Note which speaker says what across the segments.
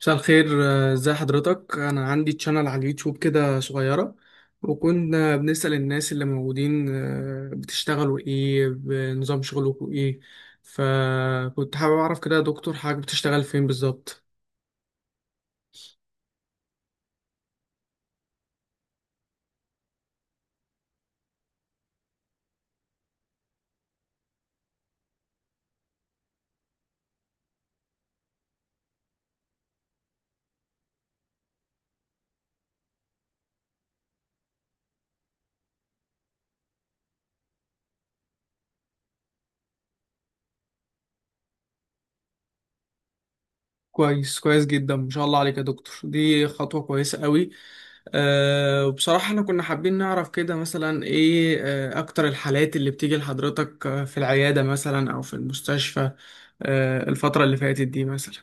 Speaker 1: مساء الخير. ازي حضرتك؟ انا عندي تشانل على اليوتيوب كده صغيرة، وكنا بنسأل الناس اللي موجودين بتشتغلوا ايه؟ بنظام شغلكم ايه؟ فكنت حابب اعرف كده يا دكتور، حضرتك بتشتغل فين بالظبط؟ كويس، كويس جدا، ما شاء الله عليك يا دكتور، دي خطوة كويسة قوي. وبصراحة احنا كنا حابين نعرف كده مثلا ايه اكتر الحالات اللي بتيجي لحضرتك في العيادة مثلا او في المستشفى، الفترة اللي فاتت دي مثلا؟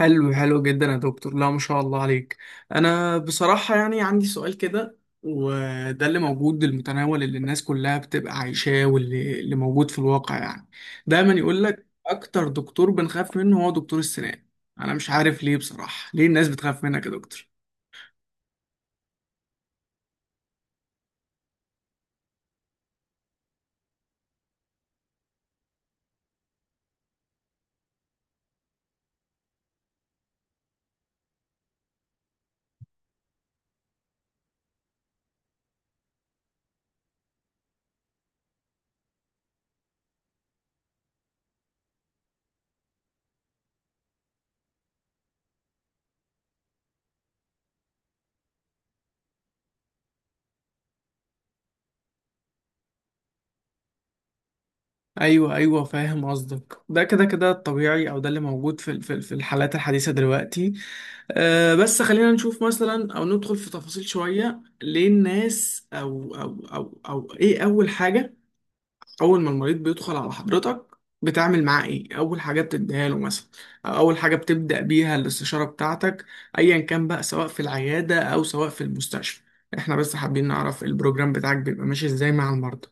Speaker 1: حلو، حلو جدا يا دكتور، لا ما شاء الله عليك. انا بصراحة يعني عندي سؤال كده، وده اللي موجود المتناول اللي الناس كلها بتبقى عايشاه، واللي موجود في الواقع، يعني دايما يقول لك اكتر دكتور بنخاف منه هو دكتور السنان. انا مش عارف ليه بصراحة، ليه الناس بتخاف منك يا دكتور؟ ايوه، ايوه، فاهم قصدك. ده كده كده الطبيعي، او ده اللي موجود في الحالات الحديثه دلوقتي. بس خلينا نشوف مثلا او ندخل في تفاصيل شويه، ليه الناس او ايه اول حاجه اول ما المريض بيدخل على حضرتك؟ بتعمل معاه ايه اول حاجه بتديها له مثلا؟ او اول حاجه بتبدا بيها الاستشاره بتاعتك؟ ايا كان بقى، سواء في العياده او سواء في المستشفى، احنا بس حابين نعرف البروجرام بتاعك بيبقى ماشي ازاي مع المرضى.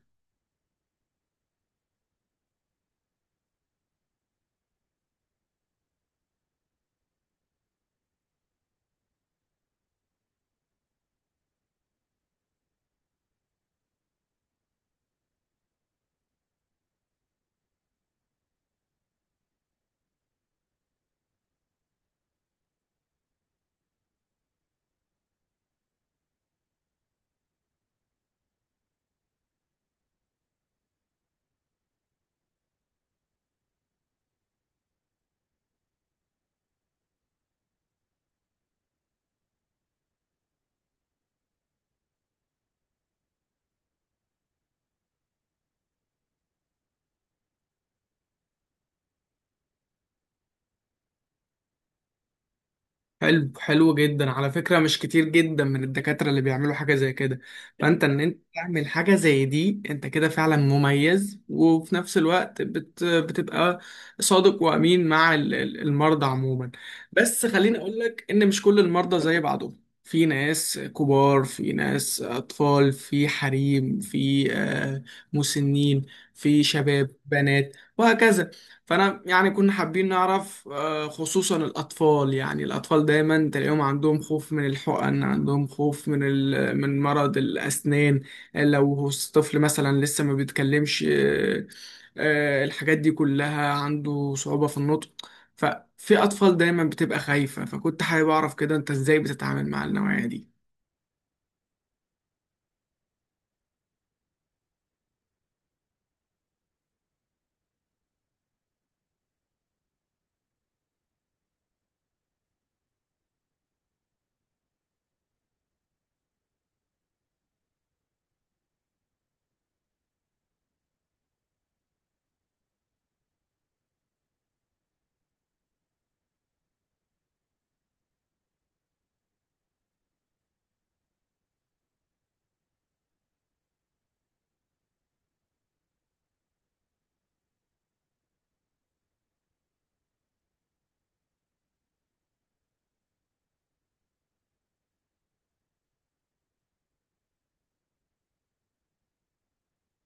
Speaker 1: حلو، حلو جدا. على فكرة مش كتير جدا من الدكاترة اللي بيعملوا حاجة زي كده، فانت ان انت تعمل حاجة زي دي انت كده فعلا مميز، وفي نفس الوقت بتبقى صادق وامين مع المرضى عموما. بس خليني اقول لك ان مش كل المرضى زي بعضهم، في ناس كبار، في ناس اطفال، في حريم، في مسنين، في شباب، بنات، وهكذا. فانا يعني كنا حابين نعرف خصوصا الاطفال، يعني الاطفال دايما تلاقيهم عندهم خوف من الحقن، عندهم خوف من مرض الاسنان. لو هو الطفل مثلا لسه ما بيتكلمش، الحاجات دي كلها عنده صعوبة في النطق، ففي اطفال دايما بتبقى خايفة، فكنت حابب اعرف كده انت ازاي بتتعامل مع النوعية دي؟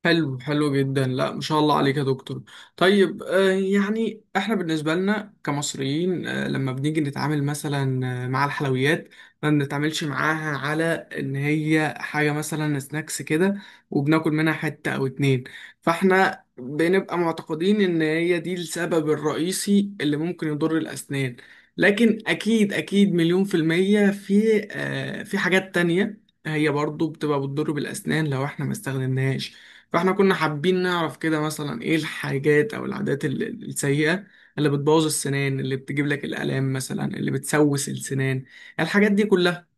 Speaker 1: حلو، حلو جدا، لا ما شاء الله عليك يا دكتور. طيب، يعني احنا بالنسبة لنا كمصريين، لما بنيجي نتعامل مثلا مع الحلويات، ما بنتعاملش معاها على ان هي حاجة مثلا سناكس كده، وبناكل منها حتة او اتنين، فاحنا بنبقى معتقدين ان هي دي السبب الرئيسي اللي ممكن يضر الاسنان. لكن اكيد، اكيد مليون في المية في حاجات تانية هي برضو بتبقى بتضر بالأسنان لو احنا ما استخدمناهاش. فاحنا كنا حابين نعرف كده مثلا ايه الحاجات او العادات السيئة اللي بتبوظ السنان، اللي بتجيب لك الآلام مثلا، اللي بتسوس السنان، الحاجات دي كلها؟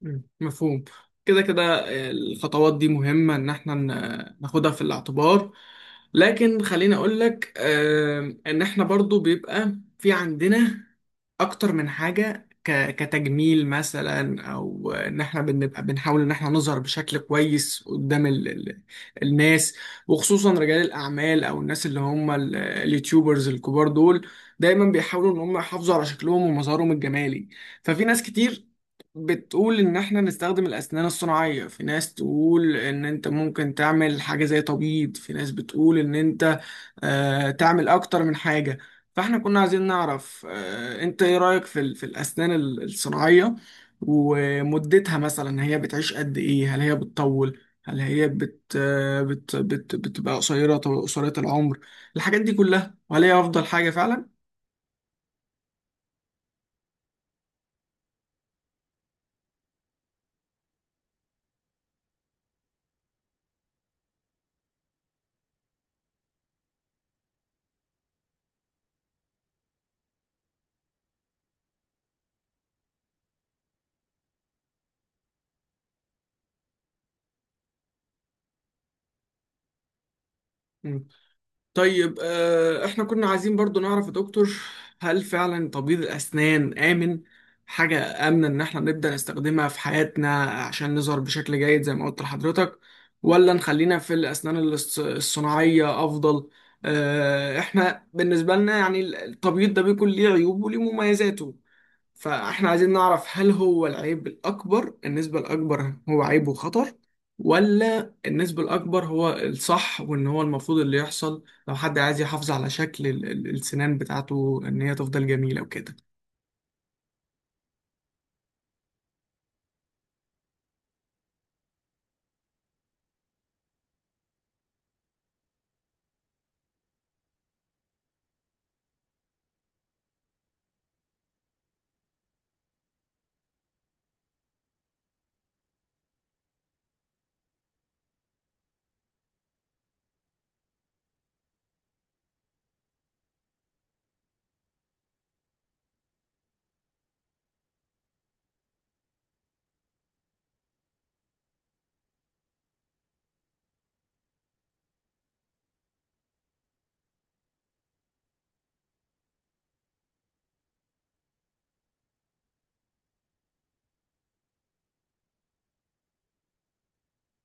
Speaker 1: مم. مفهوم. كده كده. الخطوات دي مهمة إن إحنا ناخدها في الاعتبار، لكن خليني أقول لك، إن إحنا برضو بيبقى في عندنا أكتر من حاجة كتجميل مثلا، أو إن إحنا بنبقى بنحاول إن إحنا نظهر بشكل كويس قدام ال الناس، وخصوصا رجال الأعمال أو الناس اللي هم اليوتيوبرز الكبار دول، دايما بيحاولوا إن هم يحافظوا على شكلهم ومظهرهم الجمالي. ففي ناس كتير بتقول ان احنا نستخدم الاسنان الصناعيه، في ناس تقول ان انت ممكن تعمل حاجه زي تبييض، في ناس بتقول ان انت تعمل اكتر من حاجه. فاحنا كنا عايزين نعرف انت ايه رايك في الاسنان الصناعيه؟ ومدتها مثلا هي بتعيش قد ايه؟ هل هي بتطول؟ هل هي بت آه، بت بت بتبقى قصيره، قصيره العمر؟ الحاجات دي كلها، وهل هي افضل حاجه فعلا؟ طيب، احنا كنا عايزين برضو نعرف يا دكتور، هل فعلا تبييض الأسنان آمن؟ حاجة آمنة إن احنا نبدأ نستخدمها في حياتنا عشان نظهر بشكل جيد زي ما قلت لحضرتك؟ ولا نخلينا في الأسنان الصناعية أفضل؟ احنا بالنسبة لنا يعني التبييض ده بيكون ليه عيوب وليه مميزاته، فاحنا عايزين نعرف هل هو العيب الأكبر، النسبة الأكبر هو عيب وخطر، ولا النسبة الأكبر هو الصح وإن هو المفروض اللي يحصل لو حد عايز يحافظ على شكل السنان بتاعته إن هي تفضل جميلة وكده؟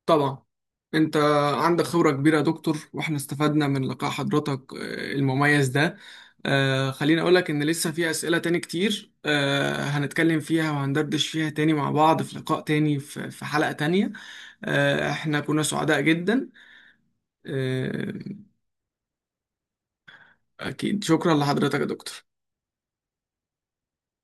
Speaker 1: طبعا، انت عندك خبرة كبيرة يا دكتور، واحنا استفدنا من لقاء حضرتك المميز ده. خليني اقولك ان لسه في اسئلة تاني كتير هنتكلم فيها وهندردش فيها تاني مع بعض في لقاء تاني في حلقة تانية. احنا كنا سعداء جدا. آه، اكيد، شكرا لحضرتك يا دكتور.